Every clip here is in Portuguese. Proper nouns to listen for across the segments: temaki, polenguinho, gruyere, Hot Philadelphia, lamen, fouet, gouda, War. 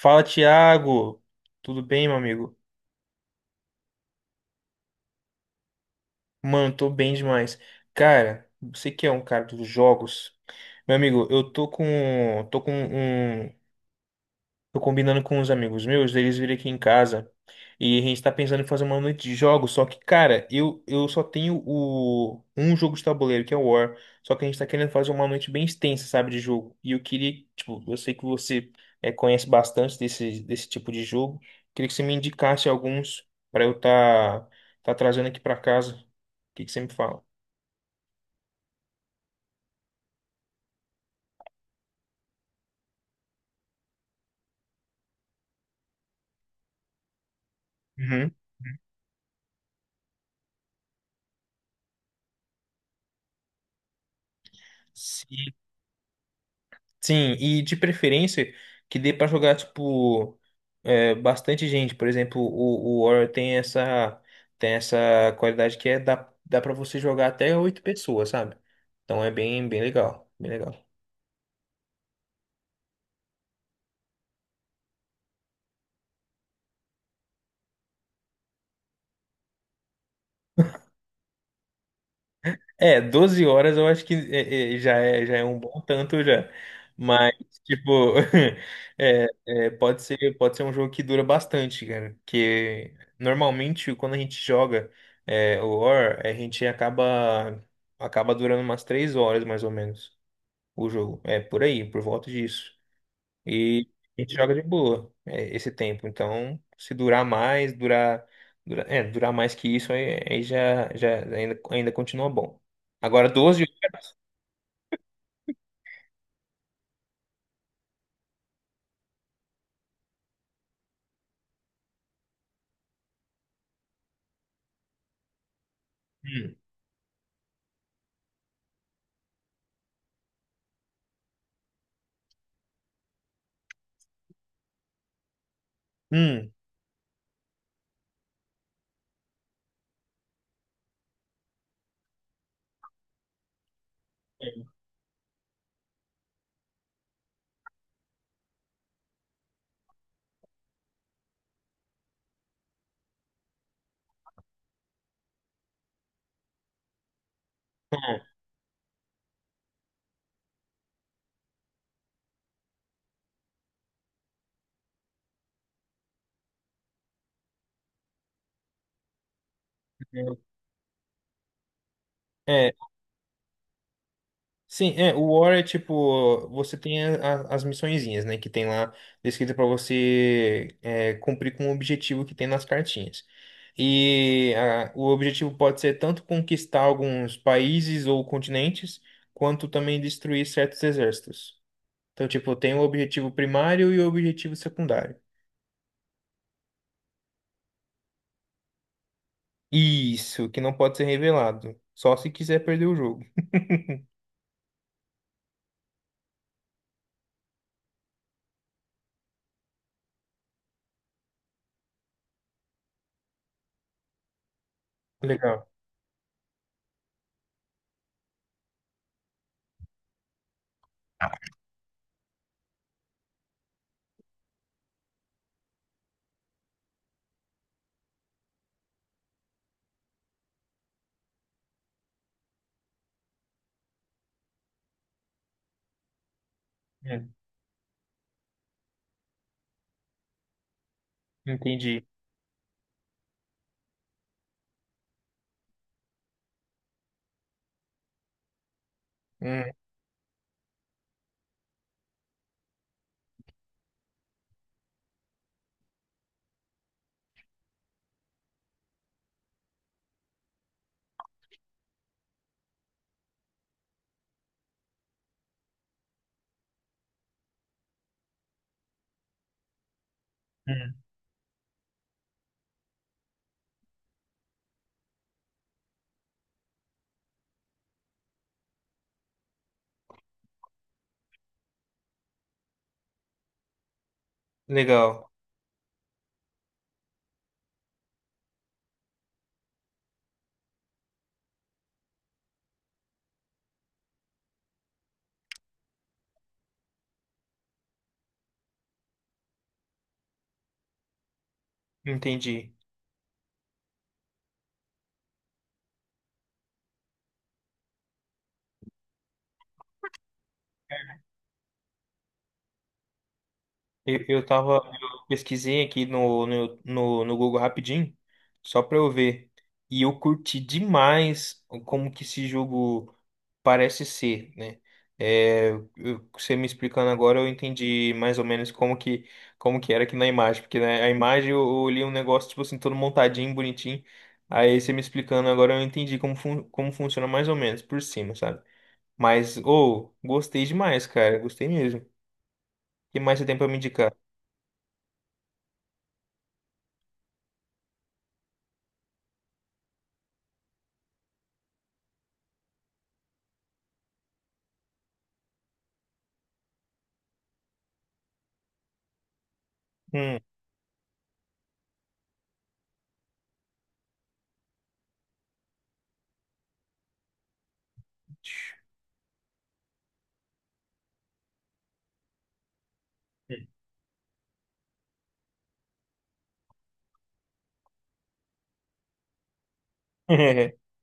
Fala, Thiago! Tudo bem, meu amigo? Mano, tô bem demais. Cara, você que é um cara dos jogos, meu amigo, eu tô com um Tô combinando com uns amigos meus, eles virem aqui em casa e a gente tá pensando em fazer uma noite de jogos, só que, cara, eu só tenho o um jogo de tabuleiro, que é o War, só que a gente tá querendo fazer uma noite bem extensa, sabe, de jogo. E eu queria, tipo, eu sei que você conhece bastante desse tipo de jogo, queria que você me indicasse alguns pra tá trazendo aqui pra casa. O que que você me fala? Uhum. Sim. Sim, e de preferência que dê pra jogar, tipo, é, bastante gente. Por exemplo, o Warrior tem essa qualidade que é dá pra você jogar até 8 pessoas, sabe? Então é bem legal, bem legal. É, 12 horas eu acho já já é um bom tanto já. Mas, tipo, pode ser um jogo que dura bastante, cara. Porque normalmente quando a gente joga o War, acaba durando umas 3 horas mais ou menos o jogo. É por aí, por volta disso. E a gente joga de boa esse tempo. Então, se durar mais, durar, dura- é, durar mais que isso, aí, aí já, já ainda, ainda continua bom. Agora, 12 hum, hum, hum. Sim, é, o War é tipo, você tem as missõezinhas, né, que tem lá descrita para você cumprir com o objetivo que tem nas cartinhas. E o objetivo pode ser tanto conquistar alguns países ou continentes, quanto também destruir certos exércitos. Então, tipo, tem o objetivo primário e o objetivo secundário. Isso, que não pode ser revelado, só se quiser perder o jogo. Legal. É, entendi. Hum, hum. Legal, entendi. Eu, eu tava, eu pesquisei aqui no Google rapidinho, só pra eu ver. E eu curti demais como que esse jogo parece ser, né? É, eu- você me explicando agora, eu entendi mais ou menos como que era aqui na imagem. Porque né, a imagem eu li um negócio, tipo assim, todo montadinho, bonitinho. Aí você me explicando agora, eu entendi como, fun- como funciona mais ou menos, por cima, sabe? Mas, ô, gostei demais, cara. Gostei mesmo. O que mais você tem pra me indicar? Hum.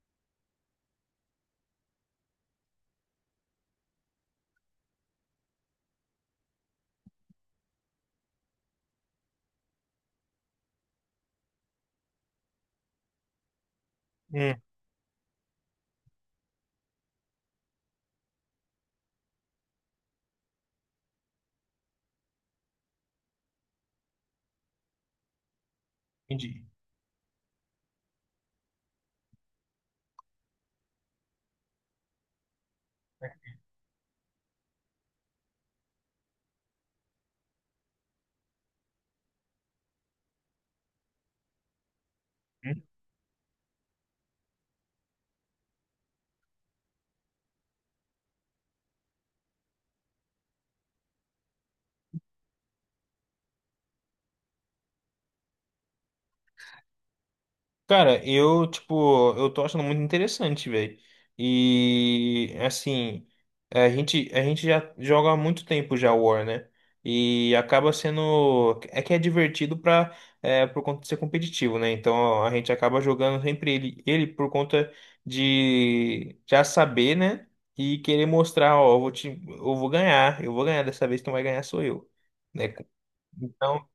Hum, entendi. Hum. Cara, eu, tipo, eu tô achando muito interessante, velho. E, assim, a gente já joga há muito tempo já War, né? E acaba sendo. É que é divertido pra, é, por conta de ser competitivo, né? Então a gente acaba jogando sempre ele por conta de já saber, né? E querer mostrar, ó, eu vou ganhar dessa vez, quem vai ganhar sou eu. Né? Então.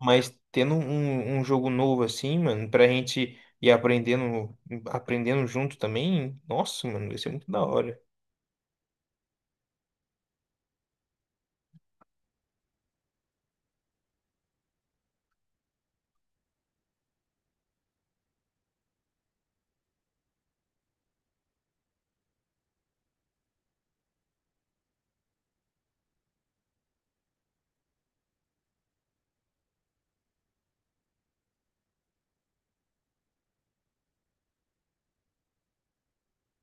Mas tendo um jogo novo assim, mano, pra gente ir aprendendo, aprendendo junto também, nossa, mano, vai ser muito da hora.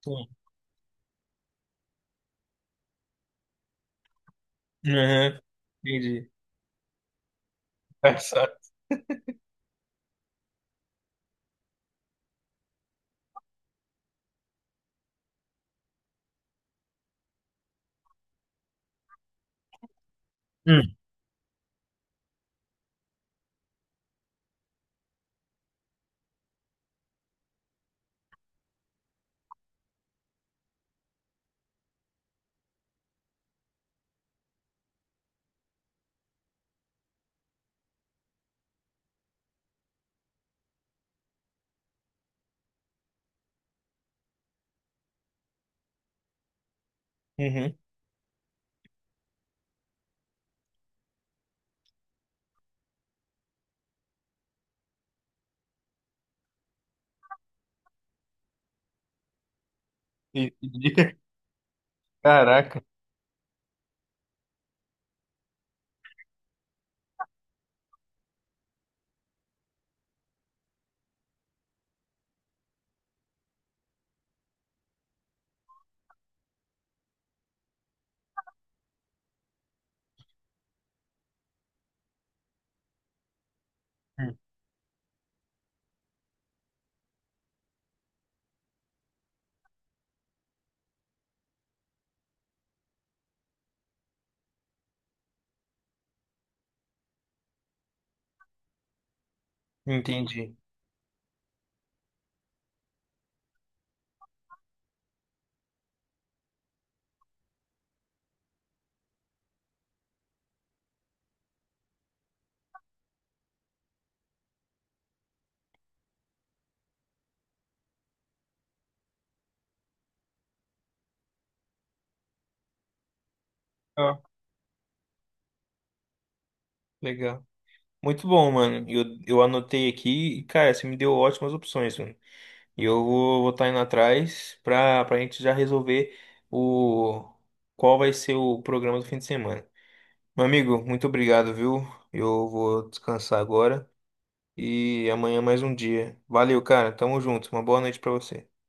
Sim. Aham, entendi. Engraçado. Hum. Uhum. Entendi. Caraca. Hum. Entendi. Ó, legal. Muito bom, mano. Eu anotei aqui e, cara, você me deu ótimas opções, mano. E eu vou tá indo atrás pra, pra gente já resolver o qual vai ser o programa do fim de semana. Meu amigo, muito obrigado, viu? Eu vou descansar agora e amanhã mais um dia. Valeu, cara. Tamo junto. Uma boa noite pra você.